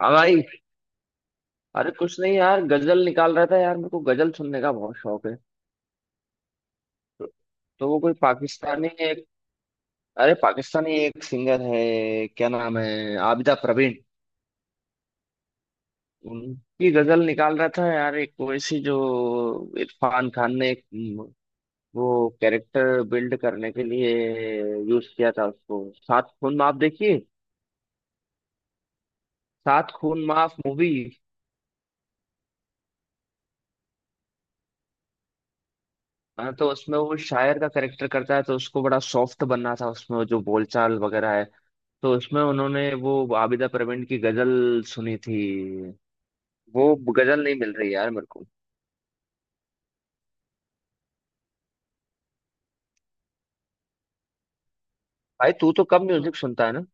हाँ भाई। अरे कुछ नहीं यार, गजल निकाल रहा था यार। मेरे को गजल सुनने का बहुत शौक है। तो वो कोई पाकिस्तानी एक, अरे पाकिस्तानी एक सिंगर है, क्या नाम है, आबिदा प्रवीण। उनकी गजल निकाल रहा था यार, एक वैसी जो इरफान खान ने एक वो कैरेक्टर बिल्ड करने के लिए यूज किया था उसको, सात खून माफ, देखिए सात खून माफ मूवी। हाँ तो उसमें वो शायर का कैरेक्टर करता है, तो उसको बड़ा सॉफ्ट बनना था, उसमें जो बोलचाल वगैरह है, तो उसमें उन्होंने वो आबिदा प्रवीण की गजल सुनी थी। वो गजल नहीं मिल रही यार मेरे को। भाई तू तो कम म्यूजिक सुनता है ना।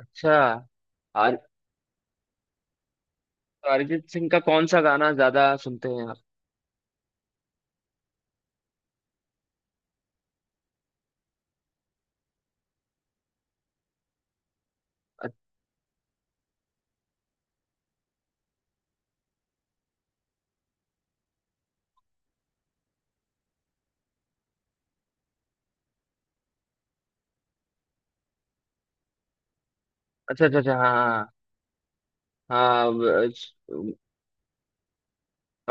अच्छा। आर अरिजीत सिंह का कौन सा गाना ज्यादा सुनते हैं आप? अ- अच्छा अच्छा अच्छा, हाँ हाँ। हाँ व- अ-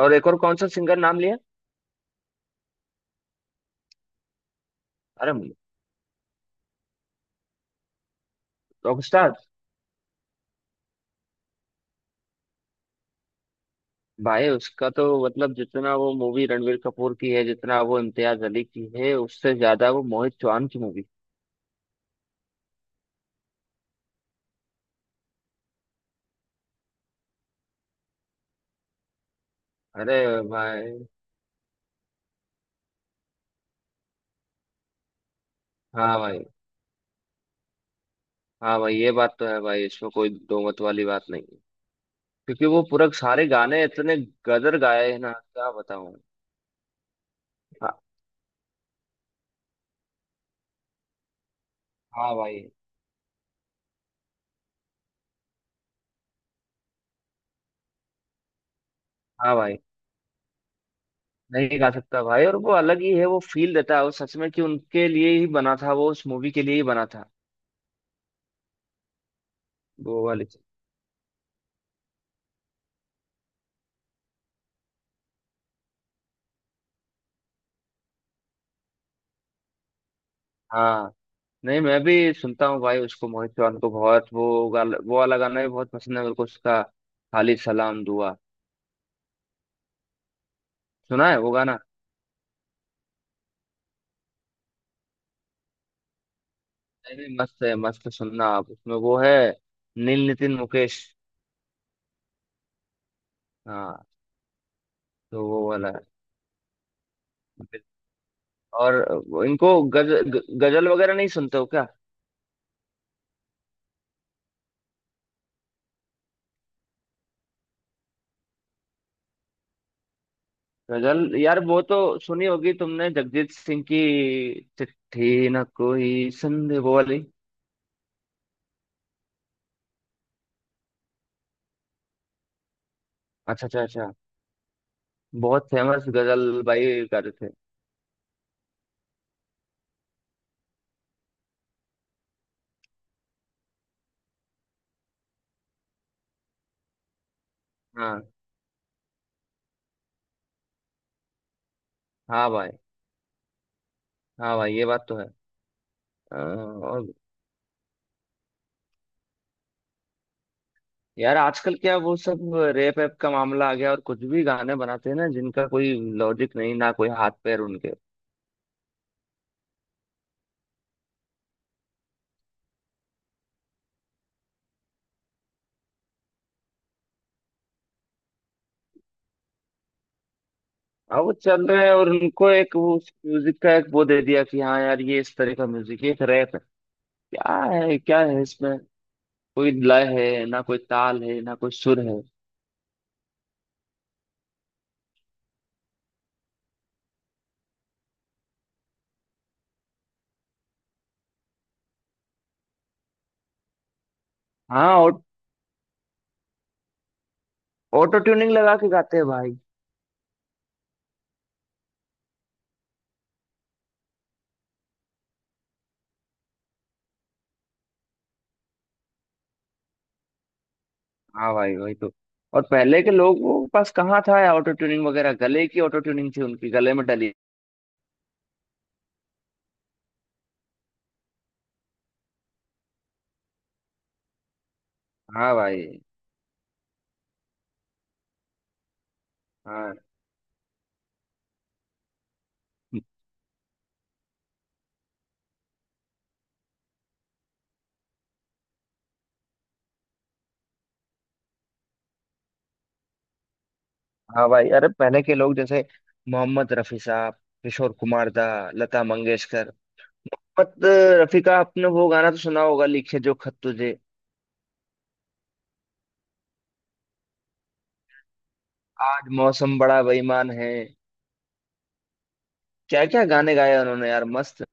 और एक और कौन सा सिंगर नाम लिया? अरे रॉकस्टार! भाई उसका तो मतलब, जितना वो मूवी रणवीर कपूर की है, जितना वो इम्तियाज अली की है, उससे ज्यादा वो मोहित चौहान की मूवी। अरे भाई! हाँ भाई। हाँ भाई ये बात तो है भाई, इसमें कोई दो मत वाली बात नहीं है। क्योंकि वो पूरा सारे गाने इतने गदर गाए हैं ना, क्या बताऊं। हाँ। हाँ भाई। हाँ भाई, नहीं गा सकता भाई, और वो अलग ही है, वो फील देता है वो, सच में कि उनके लिए ही बना था वो, उस मूवी के लिए ही बना था वो वाली चीज़। हाँ, नहीं मैं भी सुनता हूँ भाई उसको, मोहित चौहान को बहुत। वो वाला गाना भी बहुत पसंद है मेरे को उसका, खाली सलाम दुआ सुना है वो गाना? नहीं नहीं, मस्त है मस्त, सुनना आप। उसमें वो है नील नितिन मुकेश। हाँ, तो वो वाला है। और इनको गजल वगैरह नहीं सुनते हो क्या? गजल यार, वो तो सुनी होगी तुमने जगजीत सिंह की, चिट्ठी ना कोई संदेह वो वाली। अच्छा अच्छा अच्छा। बहुत फेमस गजल भाई गाते थे। हाँ। हाँ भाई, हाँ भाई ये बात तो है। और यार आजकल क्या वो सब रेप एप का मामला आ गया, और कुछ भी गाने बनाते हैं ना, जिनका कोई लॉजिक नहीं, ना कोई हाथ पैर उनके। अब वो चल रहे हैं और उनको एक वो उस म्यूजिक का एक वो दे दिया कि हाँ यार ये इस तरह का म्यूजिक है, एक रैप है। क्या है क्या है इसमें, कोई लय है, ना कोई ताल है, ना कोई सुर है। हाँ, और ऑटो ट्यूनिंग लगा के गाते हैं भाई। हाँ भाई वही तो। और पहले के लोगों के पास कहाँ था यार ऑटो ट्यूनिंग वगैरह, गले की ऑटो ट्यूनिंग थी उनकी, गले में डली। हाँ भाई। हाँ। हाँ भाई, अरे पहले के लोग जैसे मोहम्मद रफी साहब, किशोर कुमार दा, लता मंगेशकर। मत रफीका, आपने वो गाना तो सुना होगा, लिखे जो खत तुझे, आज मौसम बड़ा बेईमान है। क्या क्या गाने गाए उन्होंने यार, मस्त।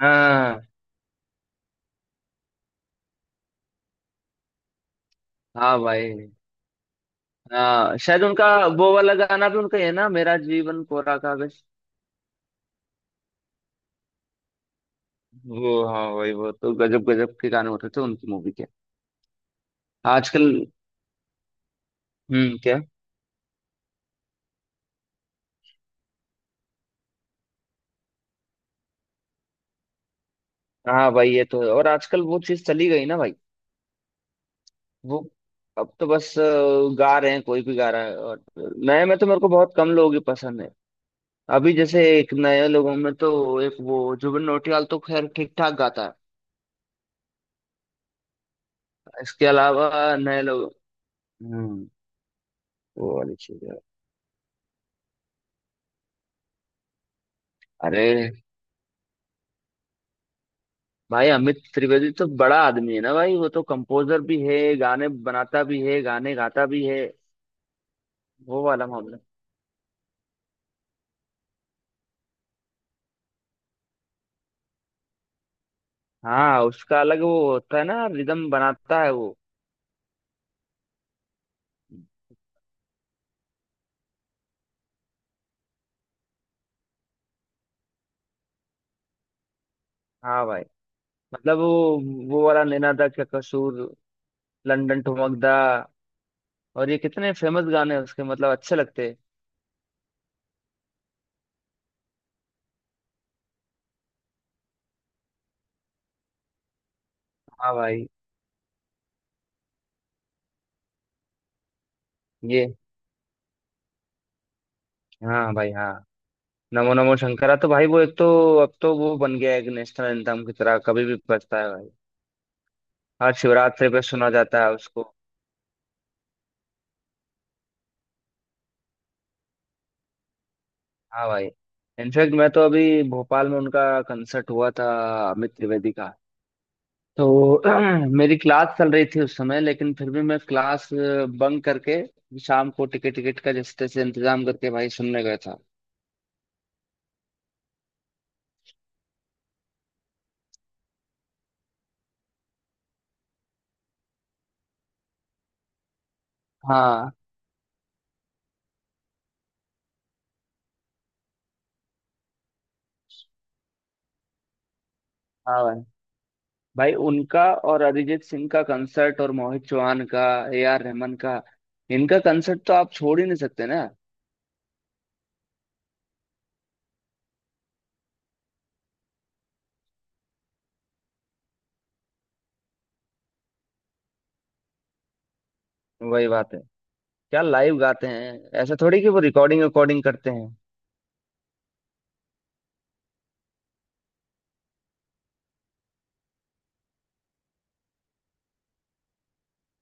हाँ। हाँ भाई। हाँ शायद उनका वो वाला गाना भी उनका ही है ना, मेरा जीवन कोरा कागज। वो हाँ भाई, वो तो गजब गजब के गाने होते थे उनकी मूवी के। आजकल, क्या। हाँ भाई ये तो है, और आजकल वो चीज चली गई ना भाई। वो, अब तो बस गा रहे हैं, कोई भी गा रहा है। और नए में तो मेरे को बहुत कम लोग ही पसंद है। अभी जैसे एक नए लोगों में तो एक वो जुबिन नौटियाल तो खैर ठीक ठाक गाता है। इसके अलावा नए लोग। हम्म। वो वाली चीज है। अरे भाई अमित त्रिवेदी तो बड़ा आदमी है ना भाई, वो तो कंपोजर भी है, गाने बनाता भी है, गाने गाता भी है। वो वाला मामला। हाँ उसका अलग वो होता है ना, रिदम बनाता है वो। हाँ भाई, मतलब वो वाला नैना दा क्या कसूर, लंदन ठुमकदा, और ये कितने फेमस गाने हैं उसके, मतलब अच्छे लगते हैं। हाँ भाई। ये, हाँ भाई हाँ। नमो नमो शंकरा तो भाई वो एक तो, अब तो वो बन गया है एक नेशनल एंथम की तरह, कभी भी बजता है भाई, हर शिवरात्रि पे सुना जाता है उसको। हाँ भाई, इनफैक्ट मैं तो, अभी भोपाल में उनका कंसर्ट हुआ था, अमित त्रिवेदी का। तो मेरी क्लास चल रही थी उस समय, लेकिन फिर भी मैं क्लास बंक करके, शाम को टिकट टिकट का जैसे तैसे इंतजाम करके भाई सुनने गया था। हाँ। हाँ भाई। भाई उनका, और अरिजीत सिंह का कंसर्ट, और मोहित चौहान का, ए आर रहमान का, इनका कंसर्ट तो आप छोड़ ही नहीं सकते ना। वही बात है, क्या लाइव गाते हैं! ऐसा थोड़ी कि वो रिकॉर्डिंग रिकॉर्डिंग करते हैं।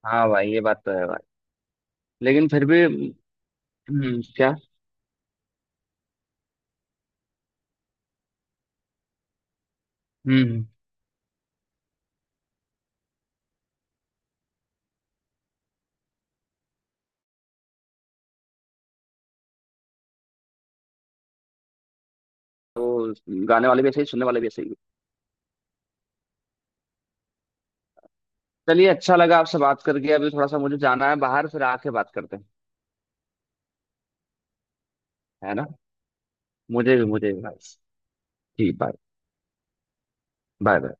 हाँ भाई ये बात तो है भाई। लेकिन फिर भी, क्या। हम्म। वो गाने वाले भी ऐसे ही, सुनने वाले भी ऐसे ही। चलिए अच्छा लगा आपसे बात करके, अभी थोड़ा सा मुझे जाना है बाहर, फिर आके बात करते हैं, है ना। मुझे भी भाई। ठीक, बाय। बाय।